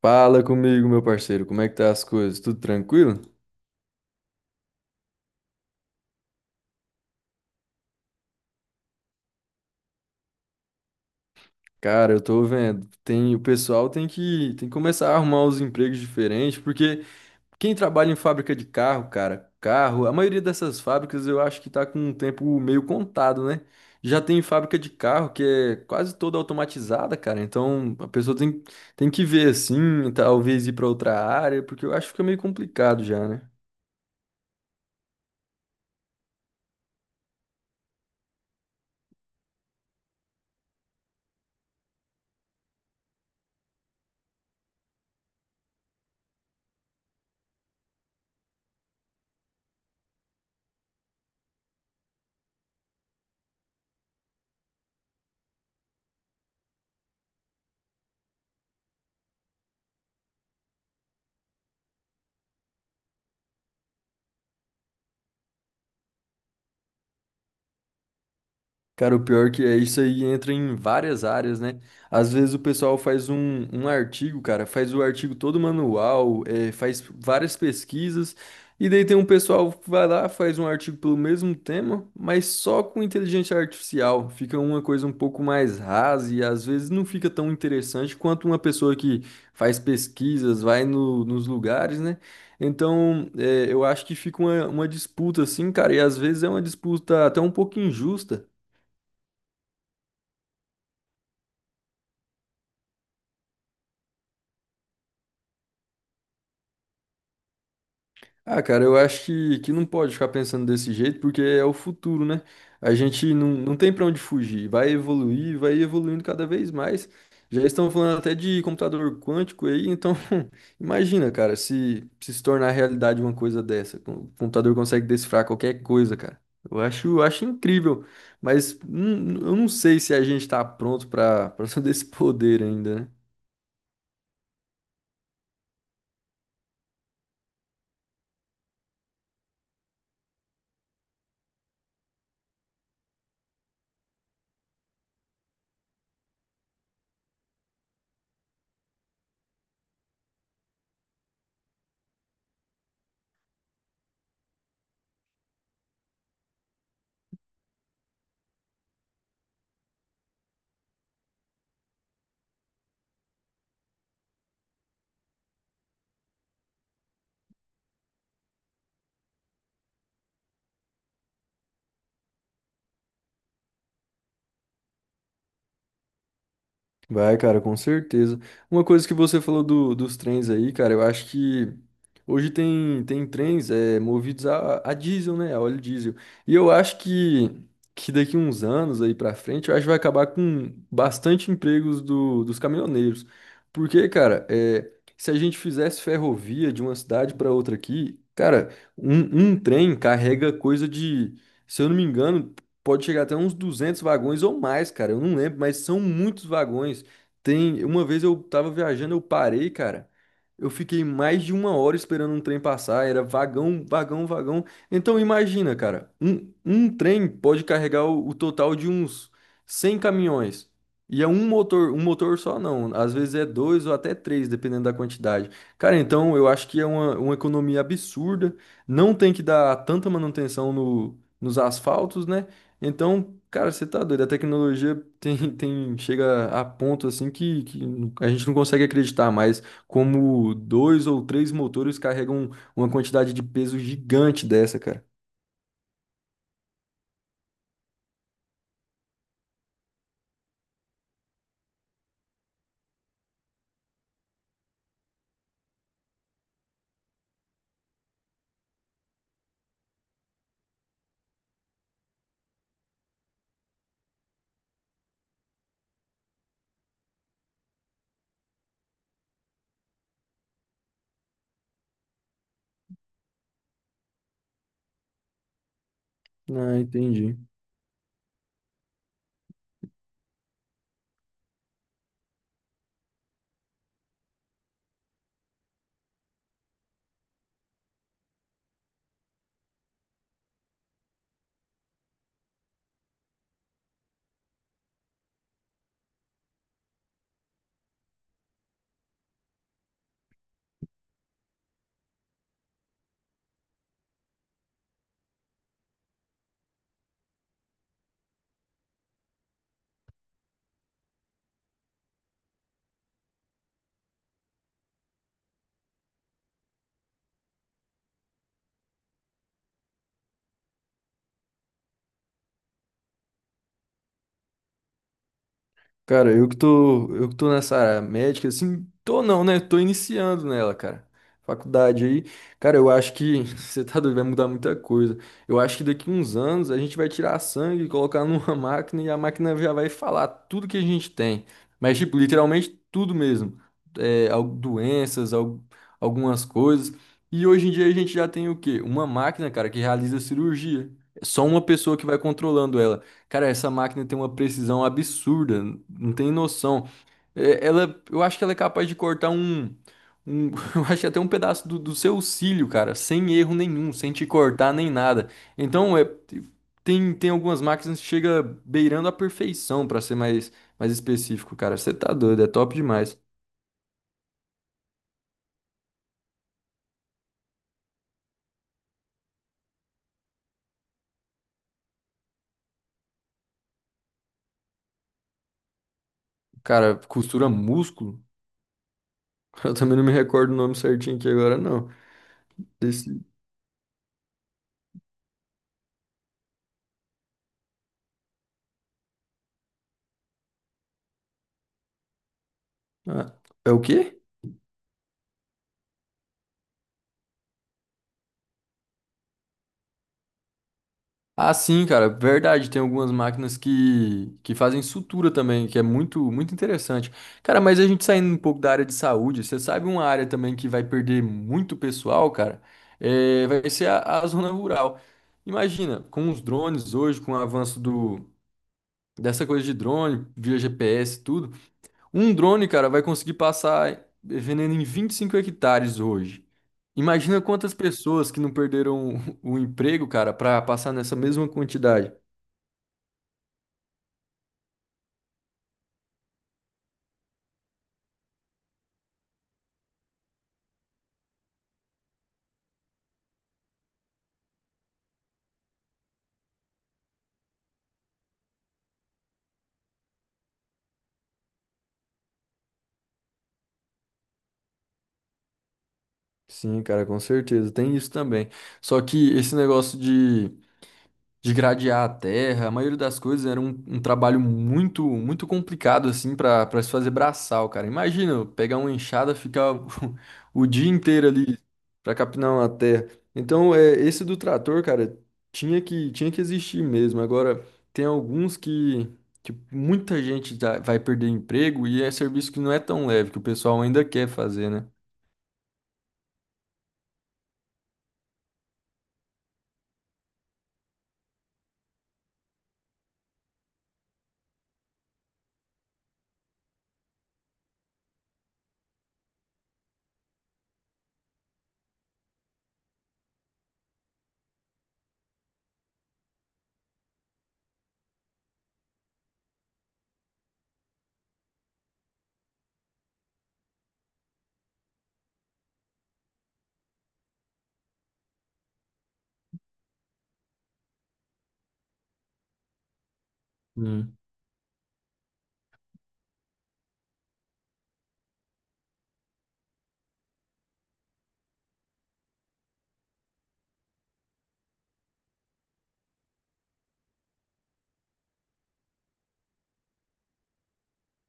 Fala comigo, meu parceiro, como é que tá as coisas? Tudo tranquilo? Cara, eu tô vendo, tem, o pessoal tem que começar a arrumar os empregos diferentes, porque quem trabalha em fábrica de carro, cara, carro, a maioria dessas fábricas eu acho que tá com um tempo meio contado, né? Já tem fábrica de carro que é quase toda automatizada, cara, então a tem que ver assim, talvez ir pra outra área, porque eu acho que fica meio complicado já, né? Cara, o pior que é isso aí entra em várias áreas, né? Às vezes o pessoal faz um artigo, cara, faz o artigo todo manual, faz várias pesquisas, e daí tem um pessoal que vai lá, faz um artigo pelo mesmo tema, mas só com inteligência artificial. Fica uma coisa um pouco mais rasa e às vezes não fica tão interessante quanto uma pessoa que faz pesquisas, vai nos lugares, né? Então, eu acho que fica uma disputa assim, cara, e às vezes é uma disputa até um pouco injusta. Ah, cara, eu acho que não pode ficar pensando desse jeito, porque é o futuro, né? A gente não tem pra onde fugir, vai evoluir, vai evoluindo cada vez mais. Já estão falando até de computador quântico aí, então imagina, cara, se se tornar realidade uma coisa dessa. O computador consegue decifrar qualquer coisa, cara. Eu acho incrível, mas eu não sei se a gente tá pronto pra para todo esse poder ainda, né? Vai, cara, com certeza. Uma coisa que você falou dos trens aí, cara, eu acho que hoje tem trens movidos a diesel, né? A óleo diesel. E eu acho que daqui uns anos aí pra frente, eu acho que vai acabar com bastante empregos dos caminhoneiros. Porque, cara, se a gente fizesse ferrovia de uma cidade pra outra aqui, cara, um trem carrega coisa de, se eu não me engano, pode chegar até uns 200 vagões ou mais, cara. Eu não lembro, mas são muitos vagões. Tem, uma vez eu tava viajando, eu parei, cara. Eu fiquei mais de uma hora esperando um trem passar. Era vagão, vagão, vagão. Então imagina, cara, um trem pode carregar o total de uns 100 caminhões. E é um motor só não. Às vezes é dois ou até três, dependendo da quantidade. Cara, então eu acho que é uma economia absurda. Não tem que dar tanta manutenção no, nos asfaltos, né? Então, cara, você tá doido. A tecnologia tem, chega a ponto assim que a gente não consegue acreditar mais como dois ou três motores carregam uma quantidade de peso gigante dessa, cara. Ah, entendi. Cara, eu que tô nessa área médica, assim, tô não, né? Tô iniciando nela, cara. Faculdade aí. Cara, eu acho que você tá doido, vai mudar muita coisa. Eu acho que daqui uns anos a gente vai tirar sangue, e colocar numa máquina e a máquina já vai falar tudo que a gente tem. Mas, tipo, literalmente tudo mesmo. É, doenças, algumas coisas. E hoje em dia a gente já tem o quê? Uma máquina, cara, que realiza cirurgia. É só uma pessoa que vai controlando ela. Cara, essa máquina tem uma precisão absurda, não tem noção. É, ela, eu acho que ela é capaz de cortar um- eu acho que até um pedaço do seu cílio, cara, sem erro nenhum, sem te cortar nem nada. Então, tem, tem algumas máquinas que chega beirando a perfeição, pra ser mais específico, cara. Você tá doido, é top demais. Cara, costura músculo? Eu também não me recordo o nome certinho aqui agora, não. Desse, ah, é o quê? Ah, sim, cara, verdade. Tem algumas máquinas que fazem sutura também, que é muito, muito interessante. Cara, mas a gente saindo um pouco da área de saúde, você sabe uma área também que vai perder muito pessoal, cara? É, vai ser a zona rural. Imagina, com os drones hoje, com o avanço dessa coisa de drone, via GPS, e tudo, um drone, cara, vai conseguir passar veneno em 25 hectares hoje. Imagina quantas pessoas que não perderam o emprego, cara, para passar nessa mesma quantidade. Sim, cara, com certeza. Tem isso também. Só que esse negócio de gradear a terra, a maioria das coisas era um trabalho muito muito complicado, assim, para se fazer braçal, cara. Imagina eu pegar uma enxada, ficar o dia inteiro ali para capinar uma terra. Então, esse do trator, cara, tinha que existir mesmo. Agora, tem alguns que muita gente já vai perder emprego e é serviço que não é tão leve, que o pessoal ainda quer fazer, né?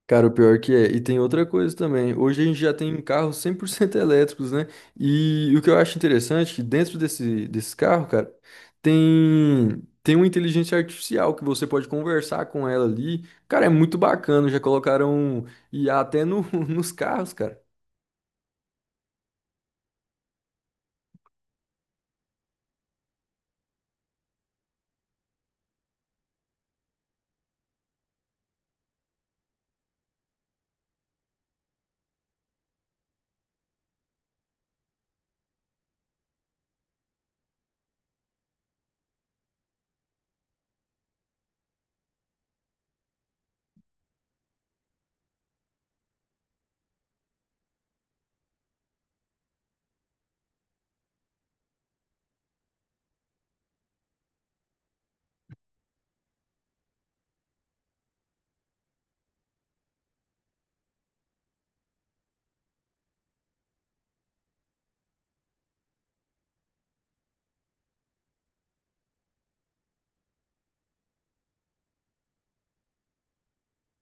Cara, o pior que é. E tem outra coisa também. Hoje a gente já tem carros 100% elétricos, né? E o que eu acho interessante é que dentro desse carro, cara, tem uma inteligência artificial que você pode conversar com ela ali. Cara, é muito bacana. Já colocaram IA até no, nos carros, cara.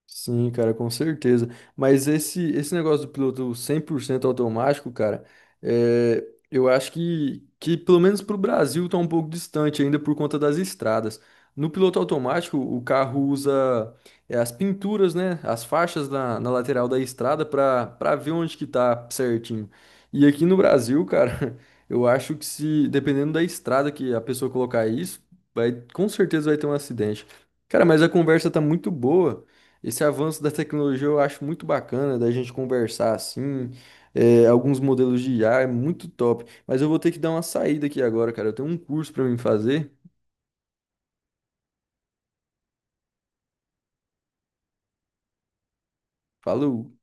Sim, cara, com certeza. Mas esse negócio do piloto 100% automático, cara, é, eu acho que pelo menos para o Brasil tá um pouco distante ainda por conta das estradas. No piloto automático, o carro usa as pinturas, né, as faixas na lateral da estrada para ver onde que tá certinho. E aqui no Brasil, cara, eu acho que se dependendo da estrada que a pessoa colocar isso, vai, com certeza vai ter um acidente. Cara, mas a conversa tá muito boa. Esse avanço da tecnologia eu acho muito bacana da gente conversar assim. É, alguns modelos de IA é muito top. Mas eu vou ter que dar uma saída aqui agora, cara. Eu tenho um curso pra mim fazer. Falou!